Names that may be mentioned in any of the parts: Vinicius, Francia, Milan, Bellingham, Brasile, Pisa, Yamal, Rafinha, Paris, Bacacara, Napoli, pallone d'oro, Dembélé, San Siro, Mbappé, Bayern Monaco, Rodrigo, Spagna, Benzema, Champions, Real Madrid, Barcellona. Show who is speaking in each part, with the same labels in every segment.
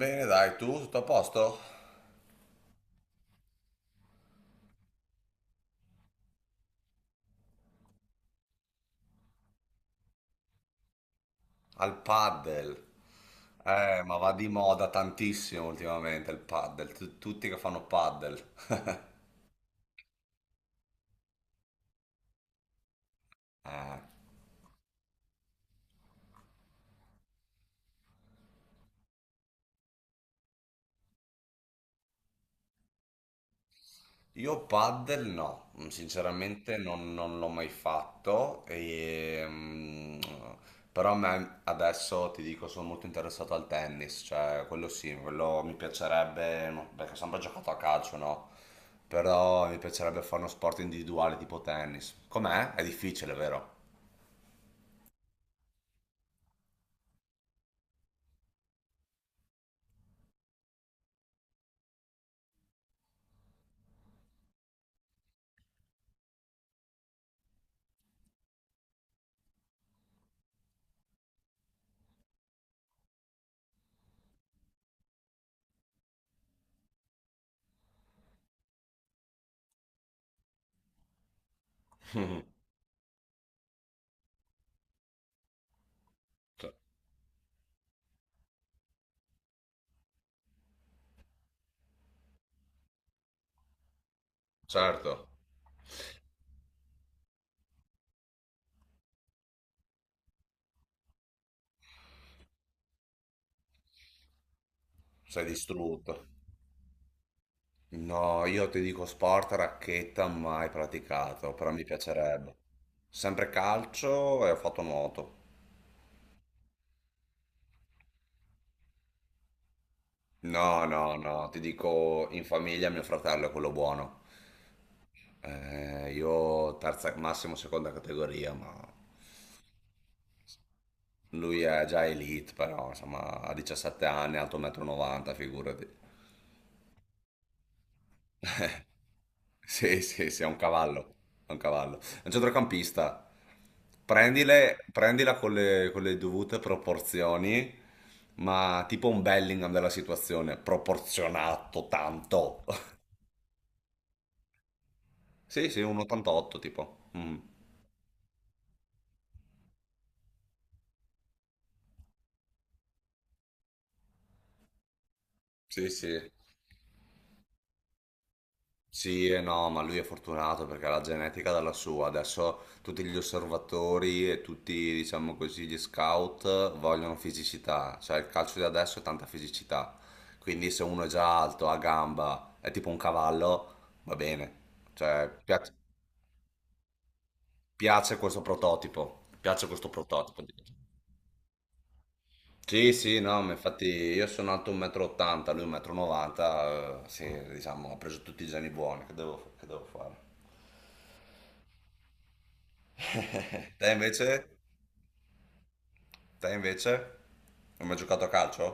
Speaker 1: Bene, dai, tu tutto a posto? Al paddle. Ma va di moda tantissimo ultimamente il paddle. Tutti che fanno paddle. Eh, io paddle no, sinceramente non l'ho mai fatto, e, però a me adesso ti dico sono molto interessato al tennis, cioè quello sì, quello mi piacerebbe, no, perché ho sempre giocato a calcio, no? Però mi piacerebbe fare uno sport individuale tipo tennis. Com'è? È difficile, vero? Certo, sei distrutto. No, io ti dico sport, racchetta mai praticato, però mi piacerebbe. Sempre calcio e ho fatto nuoto. No, no, no, ti dico in famiglia mio fratello è quello buono. Io terza, massimo seconda categoria, ma lui è già elite, però insomma ha 17 anni, alto 1,90 m, figurati. Eh, sì, sì, sì, è un cavallo, è un cavallo. È un centrocampista. Prendila con le dovute proporzioni, ma tipo un Bellingham della situazione, proporzionato tanto. Sì, sì, un 88 tipo. Mm. Sì, sì. Sì e no, ma lui è fortunato perché ha la genetica dalla sua. Adesso tutti gli osservatori e tutti, diciamo così, gli scout vogliono fisicità. Cioè il calcio di adesso è tanta fisicità. Quindi se uno è già alto, ha gamba, è tipo un cavallo, va bene. Cioè piace, piace questo prototipo. Piace questo prototipo. Sì, sì, no, ma infatti io sono alto 1,80 m, lui 1,90 m, sì, diciamo, ha preso tutti i geni buoni, che devo fare? Te invece? Te invece? Non hai mai giocato a calcio?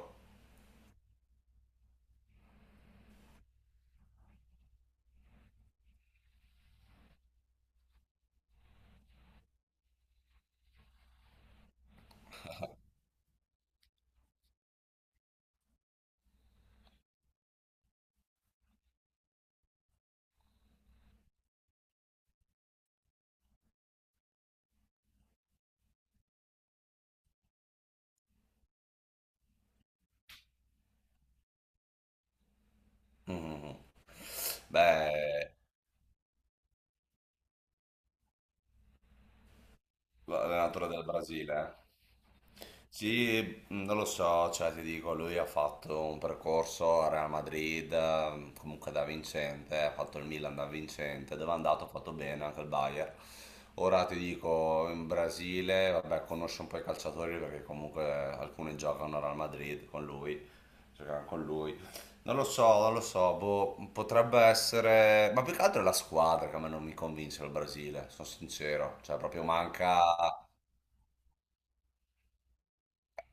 Speaker 1: Mhm. Beh, l'allenatore del Brasile, eh? Sì, non lo so, cioè ti dico, lui ha fatto un percorso a Real Madrid, comunque da vincente, ha fatto il Milan da vincente, dove è andato ha fatto bene anche il Bayern. Ora ti dico, in Brasile, vabbè, conosce un po' i calciatori perché comunque alcuni giocano a Real Madrid con lui, giocano con lui. Non lo so, non lo so, boh, potrebbe essere. Ma più che altro è la squadra che a me non mi convince il Brasile, sono sincero, cioè proprio manca.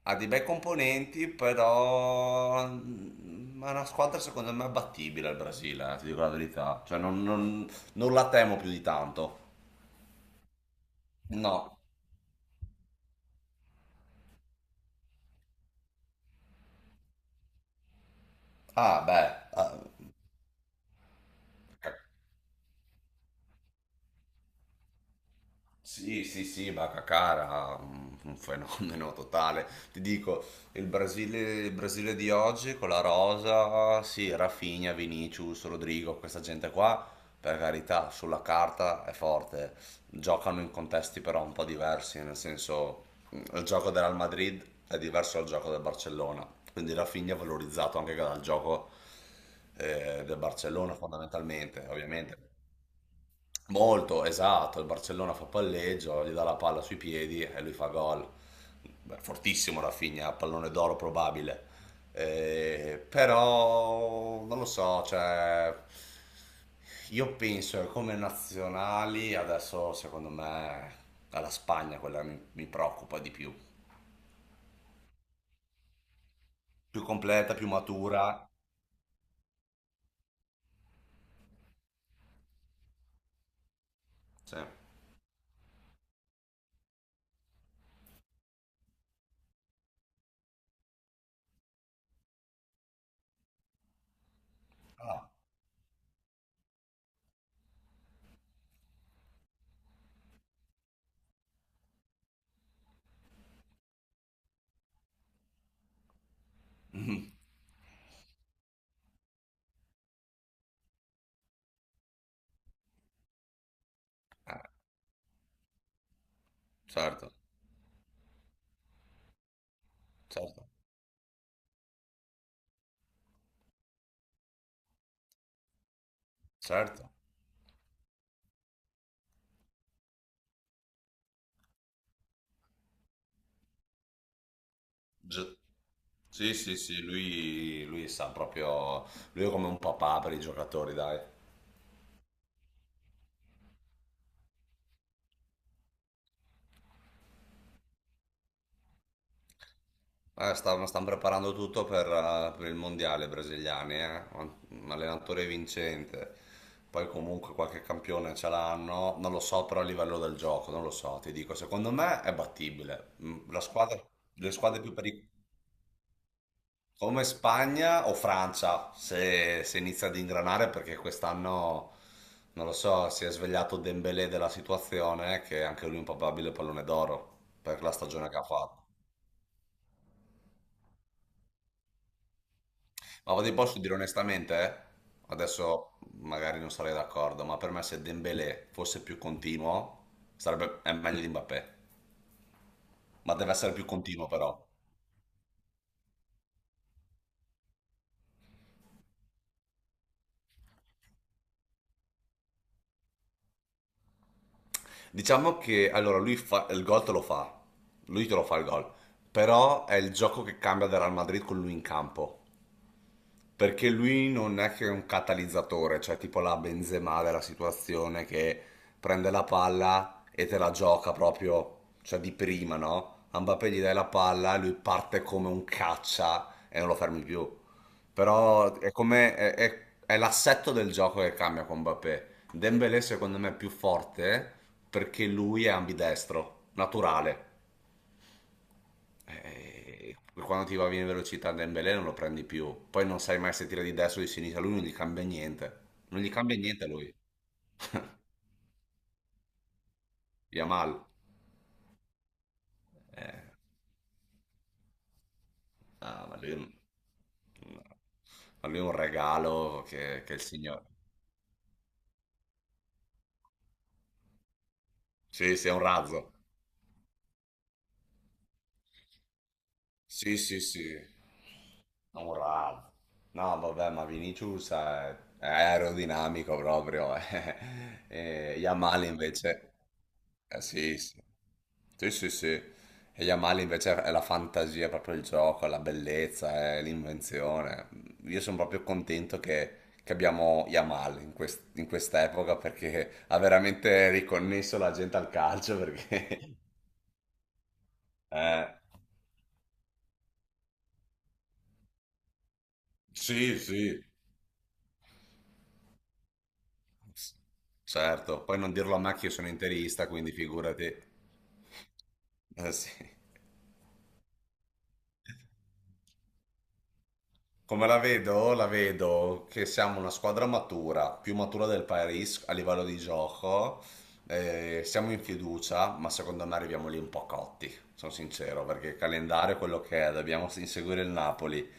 Speaker 1: Ha dei bei componenti, però è una squadra secondo me abbattibile il Brasile, ti dico la verità. Cioè non la temo più di tanto. No. Ah, beh, eh, sì, sì, sì, Bacacara, un fenomeno totale. Ti dico, il Brasile, il Brasile di oggi con la rosa, sì, Rafinha, Vinicius, Rodrigo, questa gente qua, per carità, sulla carta è forte. Giocano in contesti però un po' diversi, nel senso, il gioco del Real Madrid è diverso dal gioco del Barcellona. Quindi Rafinha è valorizzato anche dal gioco del Barcellona fondamentalmente, ovviamente. Molto, esatto, il Barcellona fa palleggio, gli dà la palla sui piedi e lui fa gol. Beh, fortissimo Rafinha, pallone d'oro probabile. Però non lo so, cioè, io penso che come nazionali adesso secondo me è la Spagna quella che mi preoccupa di più. Più completa, più matura. Sì. Ah, certo, certo, certo. Gi- Sì, sì, sì, lui sa proprio, lui è come un papà per i giocatori, dai. Stanno preparando tutto per il mondiale brasiliani, eh. Un allenatore vincente. Poi comunque qualche campione ce l'hanno, non lo so però a livello del gioco, non lo so, ti dico, secondo me è battibile. La squadra, le squadre più pericolose. Come Spagna o Francia, se inizia ad ingranare, perché quest'anno, non lo so, si è svegliato Dembélé della situazione, che anche lui è un probabile pallone d'oro per la stagione che ha fatto. Ma ti posso dire onestamente, eh? Adesso magari non sarei d'accordo, ma per me se Dembélé fosse più continuo, sarebbe, è meglio di Mbappé. Ma deve essere più continuo però. Diciamo che allora lui fa, il gol te lo fa, lui te lo fa il gol, però è il gioco che cambia del Real Madrid con lui in campo. Perché lui non è che è un catalizzatore, cioè tipo la Benzema della situazione che prende la palla e te la gioca proprio, cioè di prima, no? A Mbappé gli dai la palla e lui parte come un caccia e non lo fermi più. Però è come è, l'assetto del gioco che cambia con Mbappé. Dembélé secondo me è più forte perché lui è ambidestro, naturale. Eh, Quando ti va bene velocità Dembélé non lo prendi più. Poi non sai mai se tira di destra o di sinistra, lui non gli cambia niente. Non gli cambia niente a lui. Yamal. Eh, ma lui, è un no. Ma lui è un regalo che il signore. Sì, sì, è un razzo. Sì, sì, sì. Bravo. No, vabbè, ma Vinicius è aerodinamico proprio. Eh. E Yamal invece. Sì, sì. Sì, sì, sì. E Yamal invece è la fantasia, è proprio il gioco, è la bellezza, è l'invenzione. Io sono proprio contento che abbiamo Yamal in questa epoca perché ha veramente riconnesso la gente al calcio perché. Eh, sì, sì. Certo, poi non dirlo a me che io sono interista, quindi figurati. Eh sì. Come la vedo? La vedo che siamo una squadra matura, più matura del Paris a livello di gioco. Siamo in fiducia, ma secondo me arriviamo lì un po' cotti, sono sincero, perché il calendario è quello che è, dobbiamo inseguire il Napoli.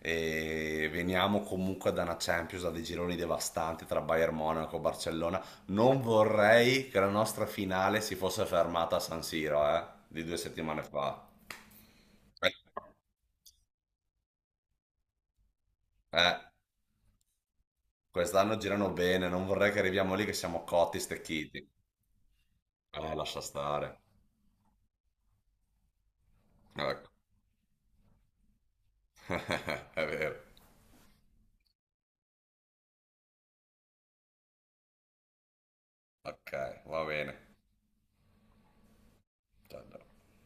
Speaker 1: E veniamo comunque da una Champions, da dei gironi devastanti tra Bayern Monaco e Barcellona. Non vorrei che la nostra finale si fosse fermata a San Siro, di 2 settimane fa. Eh, eh. Quest'anno girano bene, non vorrei che arriviamo lì che siamo cotti, stecchiti. Lascia stare. Ecco, è vero. Ok, va bene. Ciao, ciao.